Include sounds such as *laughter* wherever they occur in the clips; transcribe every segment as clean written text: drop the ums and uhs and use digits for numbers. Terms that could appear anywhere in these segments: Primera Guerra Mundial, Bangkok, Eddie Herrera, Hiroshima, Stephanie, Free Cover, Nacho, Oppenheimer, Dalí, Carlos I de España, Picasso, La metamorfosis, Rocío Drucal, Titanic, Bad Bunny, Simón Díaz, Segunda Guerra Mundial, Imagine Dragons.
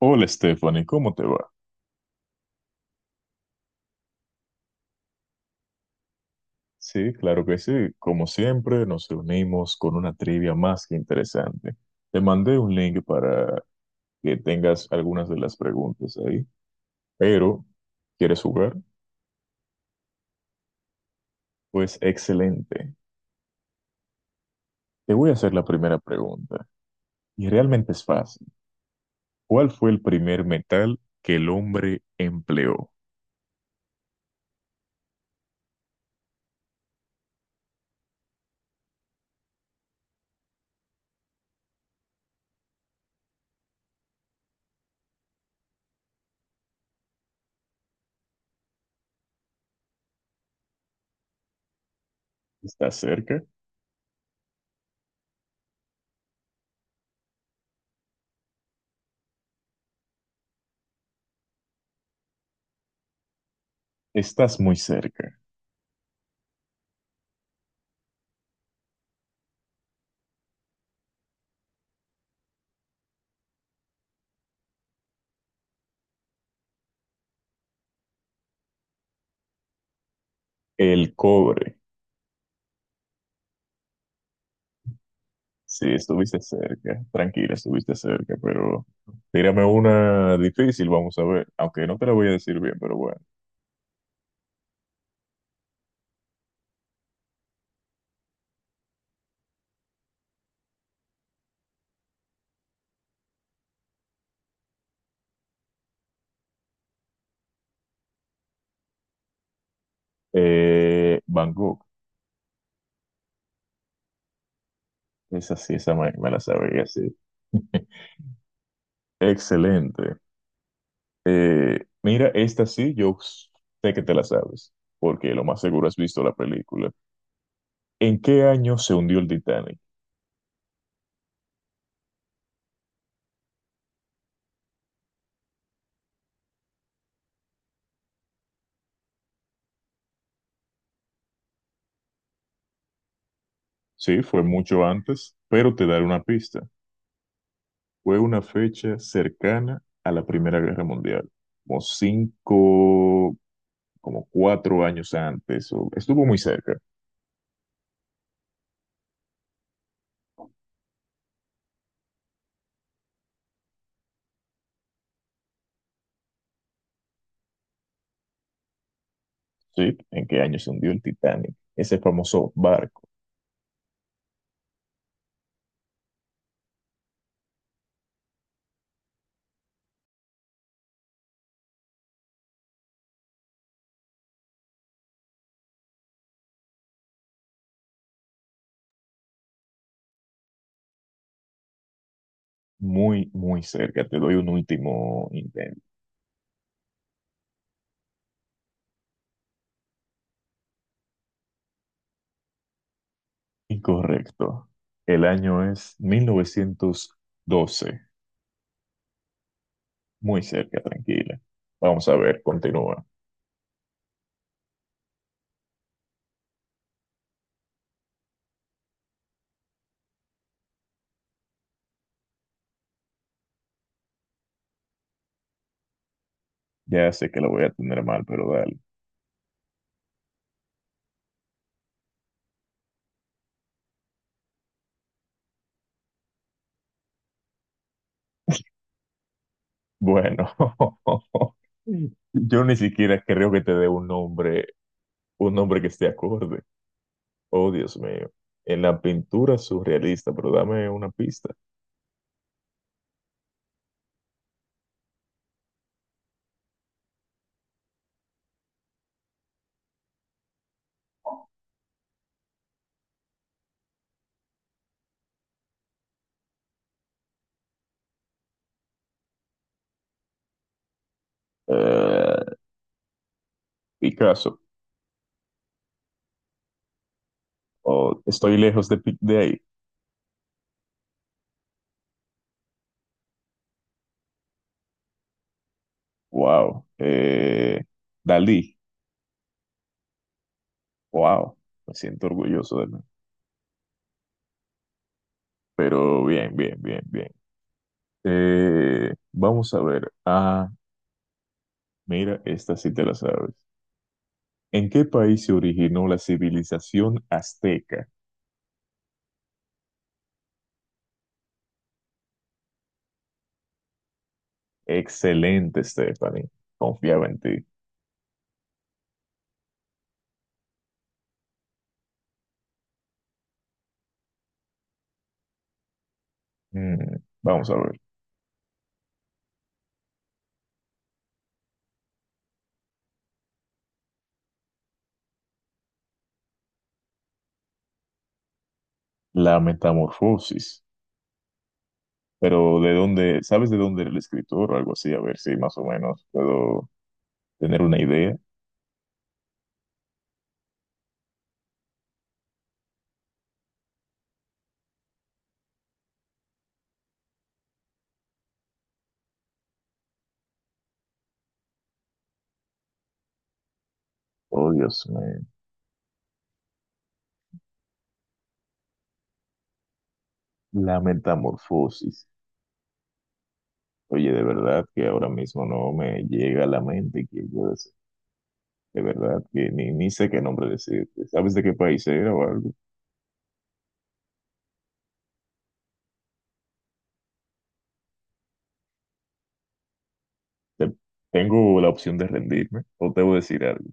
Hola Stephanie, ¿cómo te va? Sí, claro que sí. Como siempre, nos reunimos con una trivia más que interesante. Te mandé un link para que tengas algunas de las preguntas ahí, pero ¿quieres jugar? Pues excelente. Te voy a hacer la primera pregunta, y realmente es fácil. ¿Cuál fue el primer metal que el hombre empleó? ¿Estás cerca? Estás muy cerca. El cobre. Sí, estuviste cerca, tranquila, estuviste cerca, pero tírame una difícil, vamos a ver, aunque no te la voy a decir bien, pero bueno. Bangkok, esa sí, esa me la sabía, sí. *laughs* Excelente. Mira, esta sí, yo sé que te la sabes, porque lo más seguro has visto la película. ¿En qué año se hundió el Titanic? Sí, fue mucho antes, pero te daré una pista. Fue una fecha cercana a la Primera Guerra Mundial, como cinco, como cuatro años antes, o- estuvo muy cerca, ¿sí? ¿En qué año se hundió el Titanic? Ese famoso barco, muy, muy cerca. Te doy un último intento. Incorrecto. El año es mil novecientos doce. Muy cerca, tranquila. Vamos a ver, continúa. Ya sé que lo voy a tener mal, pero dale. Bueno, *laughs* yo ni siquiera creo que te dé un nombre que esté acorde. Oh, Dios mío. En la pintura surrealista, pero dame una pista. Eh, Picasso. Oh, estoy lejos de, Pi- de ahí. Wow. Dalí. Wow. Me siento orgulloso de mí. Pero bien, bien, bien, bien. Vamos a ver. Ah, mira, esta sí te la sabes. ¿En qué país se originó la civilización azteca? Excelente, Stephanie. Confiaba en ti. Mm, vamos a ver. La metamorfosis. Pero ¿de dónde? ¿Sabes de dónde era el escritor o algo así? A ver si más o menos puedo tener una idea. Oh, Dios mío. La metamorfosis. Oye, de verdad que ahora mismo no me llega a la mente quién puede ser. De verdad que ni sé qué nombre decirte. ¿Sabes de qué país era o algo? Te- Tengo la opción de rendirme o te voy a decir algo.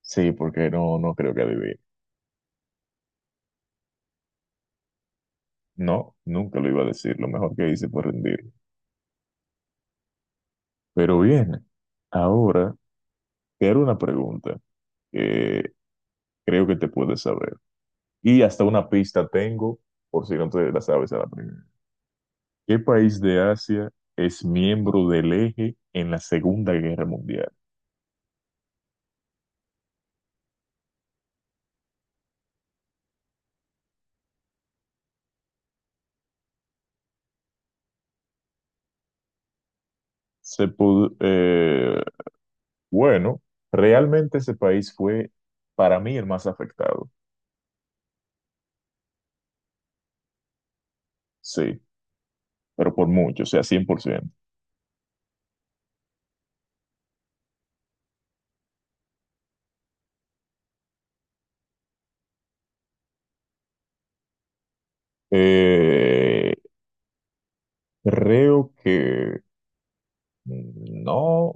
Sí, porque no creo que adivine. No, nunca lo iba a decir. Lo mejor que hice fue rendir. Pero bien, ahora te haré una pregunta que creo que te puedes saber. Y hasta una pista tengo, por si no te la sabes a la primera. ¿Qué país de Asia es miembro del Eje en la Segunda Guerra Mundial? Se pod- eh, bueno, realmente ese país fue para mí el más afectado. Sí, pero por mucho, o sea, 100%. Eh, creo que no,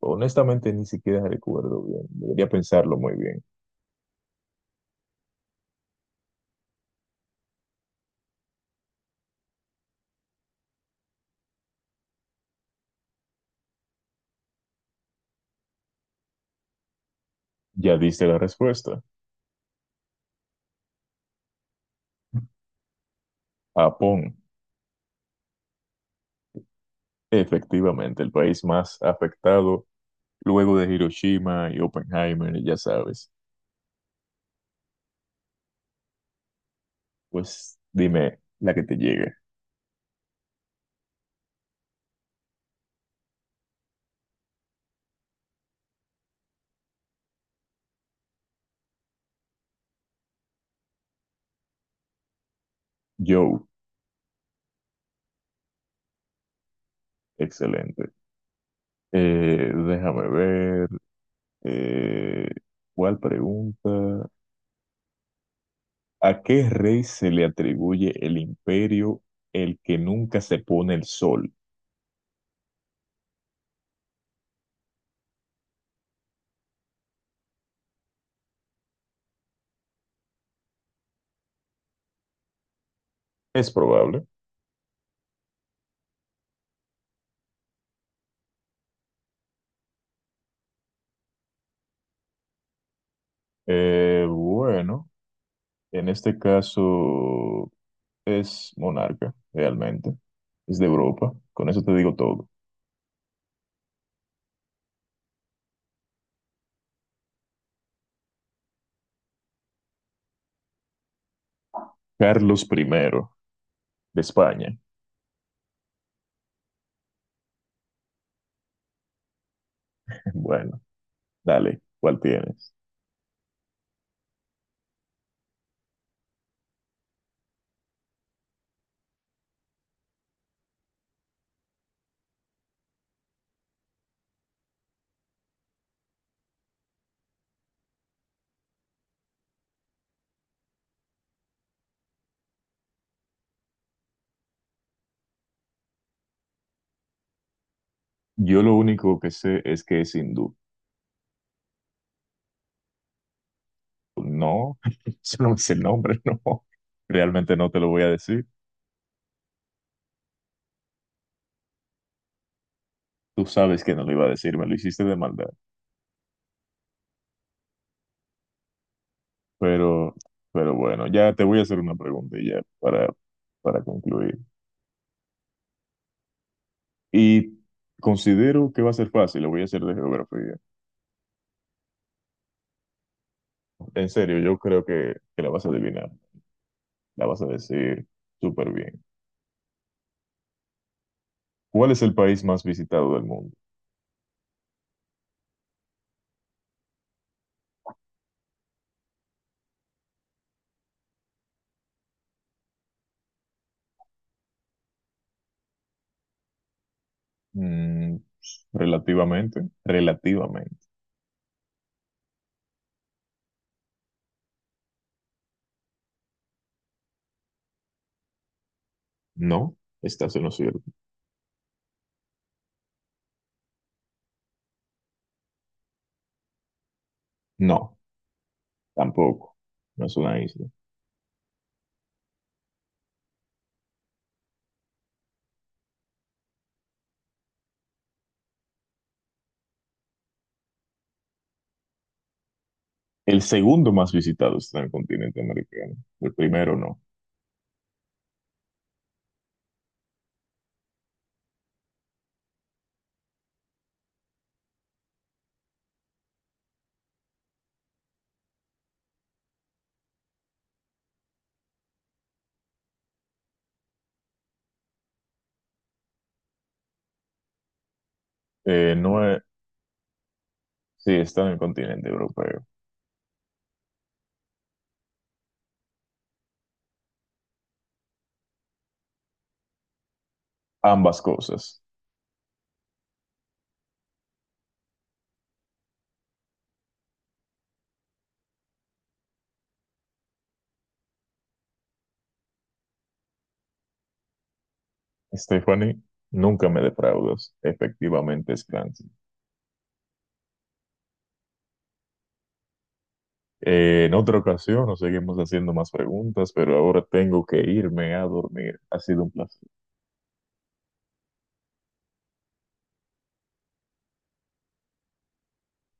honestamente ni siquiera recuerdo bien. Debería pensarlo muy bien. Ya diste la respuesta. Japón, efectivamente, el país más afectado luego de Hiroshima y Oppenheimer, ya sabes. Pues dime la que te llegue. Joe, excelente. Déjame ver. eh, ¿Cuál pregunta? ¿A qué rey se le atribuye el imperio el que nunca se pone el sol? Es probable. Bueno, en este caso es monarca, realmente. Es de Europa. Con eso te digo todo. Carlos I de España. *laughs* Bueno, dale, ¿cuál tienes? Yo lo único que sé es que es hindú. No, *laughs* eso no me sé el nombre, *laughs* no. Realmente no te lo voy a decir. Tú sabes que no lo iba a decir, me lo hiciste de maldad. Pero, pero bueno, ya te voy a hacer una pregunta y ya para concluir. Y considero que va a ser fácil, lo voy a hacer de geografía. En serio, yo creo que la vas a adivinar, la vas a decir súper bien. ¿Cuál es el país más visitado del mundo? Mm, relativamente, relativamente. No, estás en lo cierto. No, tampoco, no es una isla. El segundo más visitado está en el continente americano, el primero no. Eh, no es, sí, está en el continente europeo. Ambas cosas. Stephanie, nunca me defraudas. Efectivamente es Clancy. En otra ocasión nos seguimos haciendo más preguntas, pero ahora tengo que irme a dormir. Ha sido un placer.